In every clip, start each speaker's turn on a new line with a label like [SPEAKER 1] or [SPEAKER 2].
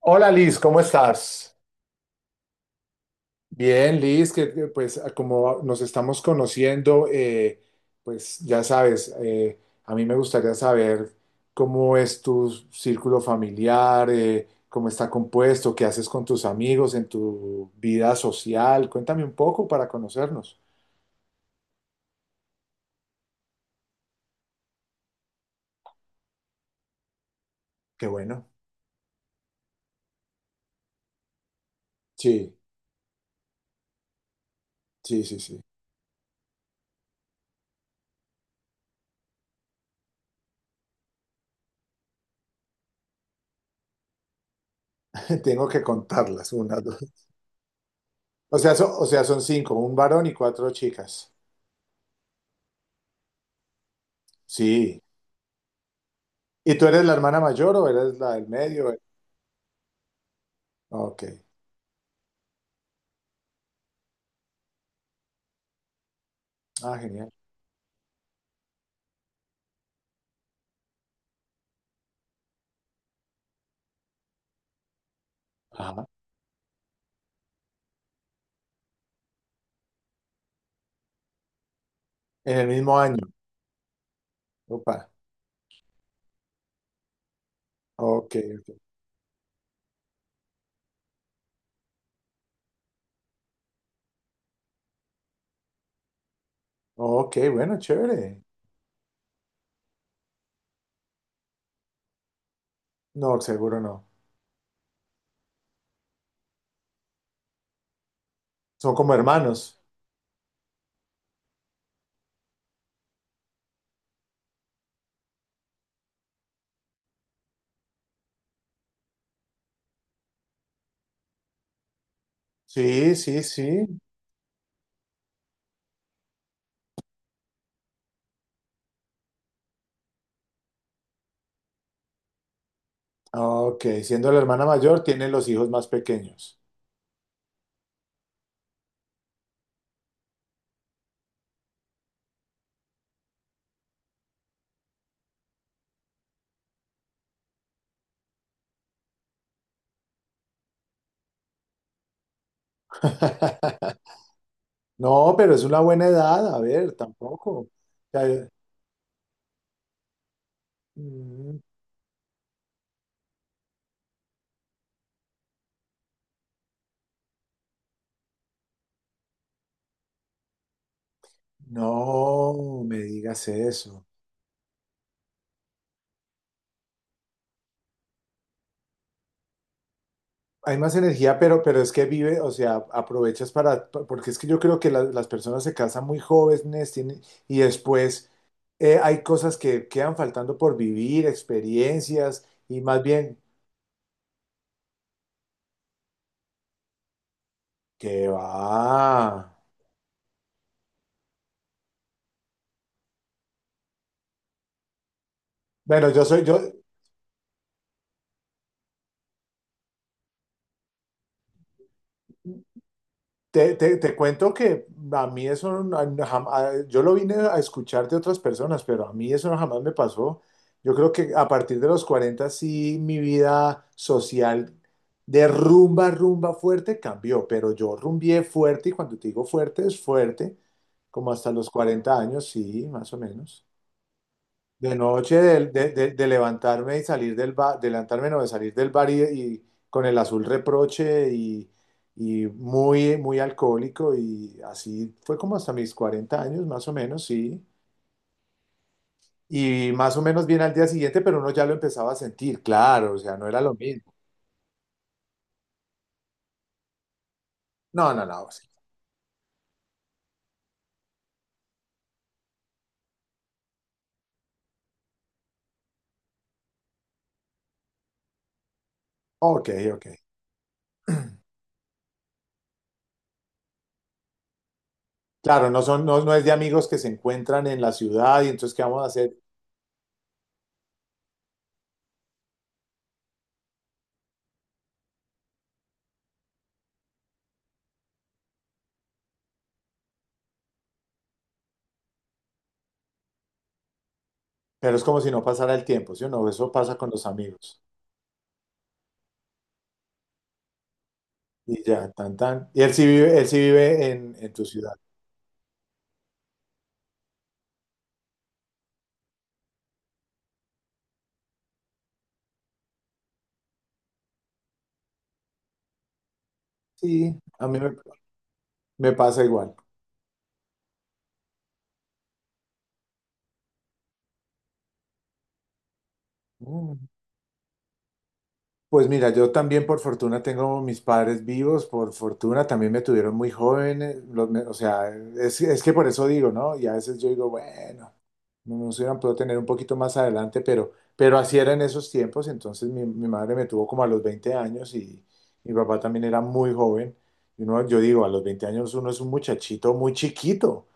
[SPEAKER 1] Hola Liz, ¿cómo estás? Bien, Liz, pues como nos estamos conociendo, pues ya sabes, a mí me gustaría saber cómo es tu círculo familiar, cómo está compuesto, qué haces con tus amigos en tu vida social. Cuéntame un poco para conocernos. Qué bueno. Sí, sí, sí, sí. Tengo que contarlas, una, dos. O sea, o sea, son cinco, un varón y cuatro chicas. Sí. ¿Y tú eres la hermana mayor o eres la del medio? Ok. Ah, genial. Ajá. En el mismo año. Opa. Ok. Ok, bueno, chévere. No, seguro no. Son como hermanos. Sí, sí, sí. Ok. Siendo la hermana mayor, tiene los hijos más pequeños. No, pero es una buena edad. A ver, tampoco. O sea, mm, no me digas eso. Hay más energía, pero es que vive, o sea, aprovechas para, porque es que yo creo que las personas se casan muy jóvenes tienen, y después hay cosas que quedan faltando por vivir, experiencias, y más bien, que va? Bueno, yo soy, yo te cuento que a mí eso, yo lo vine a escuchar de otras personas, pero a mí eso no jamás me pasó. Yo creo que a partir de los 40 sí mi vida social de rumba, rumba fuerte cambió, pero yo rumbié fuerte y cuando te digo fuerte es fuerte, como hasta los 40 años, sí, más o menos. De noche, de levantarme y salir del bar, de levantarme, no, de salir del bar y con el azul reproche y muy, muy alcohólico y así fue como hasta mis 40 años, más o menos, sí. Y más o menos bien al día siguiente, pero uno ya lo empezaba a sentir, claro, o sea, no era lo mismo. No, no, no, sí. Ok, ok. Claro, no son, no, no es de amigos que se encuentran en la ciudad y entonces, ¿qué vamos a hacer? Pero es como si no pasara el tiempo, ¿sí o no? Eso pasa con los amigos. Y ya, tan, tan. Y él sí vive en tu ciudad. Sí, me pasa igual. Mm. Pues mira, yo también por fortuna tengo mis padres vivos, por fortuna también me tuvieron muy jóvenes, o sea, es que por eso digo, ¿no? Y a veces yo digo, bueno, no nos hubieran podido tener un poquito más adelante, pero así era en esos tiempos, entonces mi madre me tuvo como a los 20 años y mi papá también era muy joven. Y uno, yo digo, a los 20 años uno es un muchachito muy chiquito.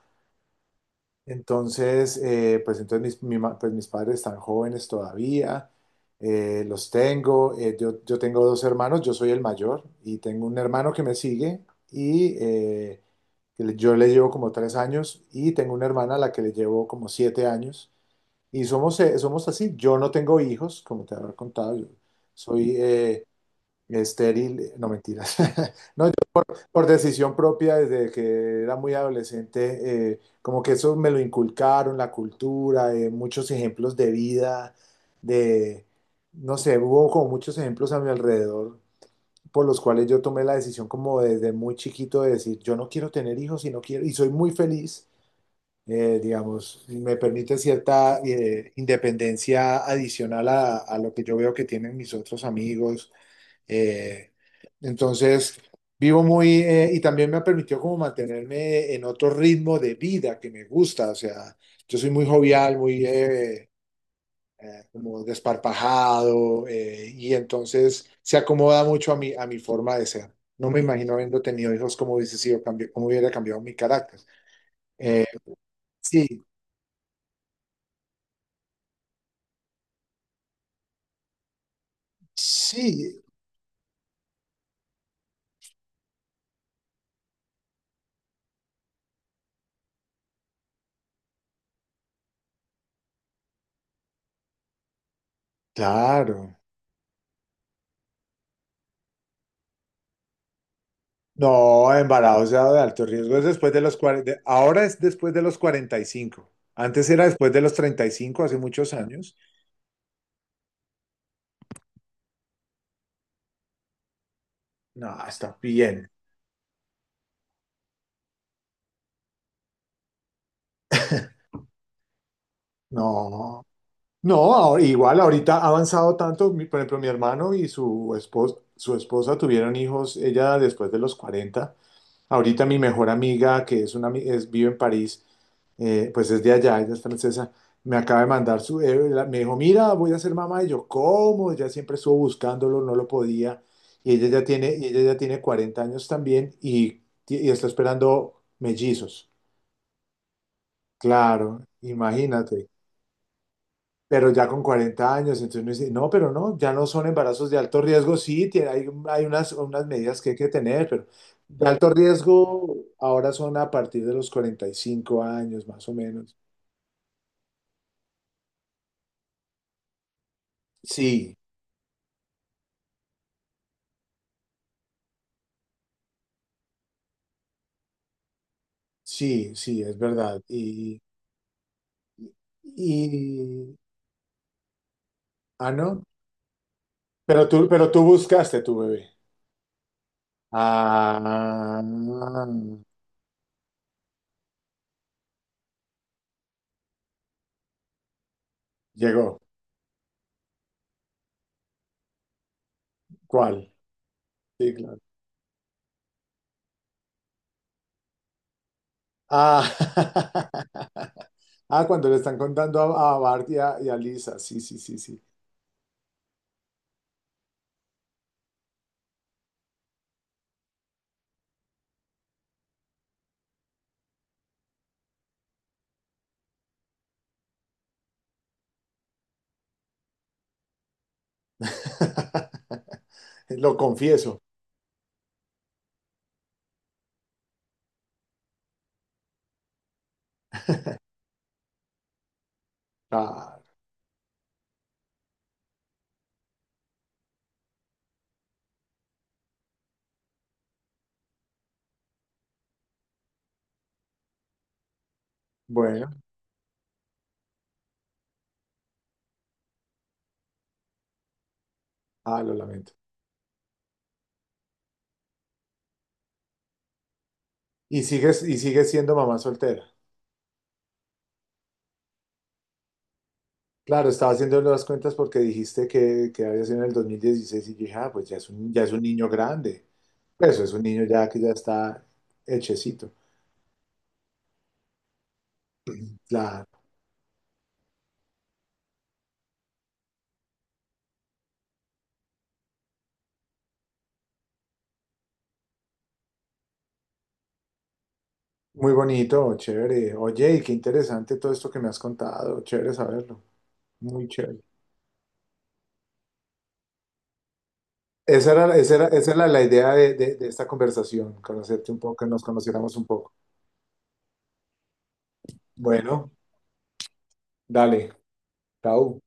[SPEAKER 1] Entonces, pues entonces pues mis padres están jóvenes todavía, los tengo, yo tengo dos hermanos, yo soy el mayor y tengo un hermano que me sigue y yo le llevo como tres años y tengo una hermana a la que le llevo como siete años y somos, somos así, yo no tengo hijos, como te habrá contado, yo soy estéril, no mentiras, por decisión propia, desde que era muy adolescente, como que eso me lo inculcaron, la cultura, muchos ejemplos de vida, de, no sé, hubo como muchos ejemplos a mi alrededor por los cuales yo tomé la decisión como desde muy chiquito de decir, yo no quiero tener hijos y no quiero, y soy muy feliz, digamos, y me permite cierta independencia adicional a lo que yo veo que tienen mis otros amigos eh, entonces, vivo muy, y también me ha permitido como mantenerme en otro ritmo de vida que me gusta, o sea, yo soy muy jovial, muy como desparpajado, y entonces se acomoda mucho a mi forma de ser. No me imagino habiendo tenido hijos cómo hubiese sido, cómo hubiera cambiado mi carácter. Eh, sí, sí, claro. No, embarazo de alto riesgo es después de los 40, ahora es después de los 45. Antes era después de los 35, hace muchos años. No, está bien. No, igual ahorita ha avanzado tanto, por ejemplo, mi hermano y su esposa tuvieron hijos, ella después de los 40. Ahorita mi mejor amiga, que es una, vive en París, pues es de allá, ella es francesa, me acaba de mandar su, me dijo, mira, voy a ser mamá, y yo, ¿cómo? Ella siempre estuvo buscándolo, no lo podía, y ella ya tiene, y ella ya tiene 40 años también, y está esperando mellizos, claro, imagínate, pero ya con 40 años, entonces me dice, no, pero no, ya no son embarazos de alto riesgo, sí, hay, hay unas, unas medidas que hay que tener, pero de alto riesgo ahora son a partir de los 45 años, más o menos. Sí, sí, sí, es verdad. Y, ah, no. Pero tú buscaste tu bebé. Ah, llegó. ¿Cuál? Sí, claro. Ah, ah, cuando le están contando a Bart y a Lisa. Sí, sí, sí, sí. Lo confieso. Ah, bueno, ah, lo lamento. Y sigues siendo mamá soltera? Claro, estaba haciendo las cuentas porque dijiste que había sido en el 2016 y dije, ah, pues ya es un niño grande. Pues eso es un niño ya que ya está hechecito. Claro. Muy bonito, chévere. Oye, y qué interesante todo esto que me has contado. Chévere saberlo. Muy chévere. Esa era la idea de esta conversación, conocerte un poco, que nos conociéramos un poco. Bueno, dale, chao.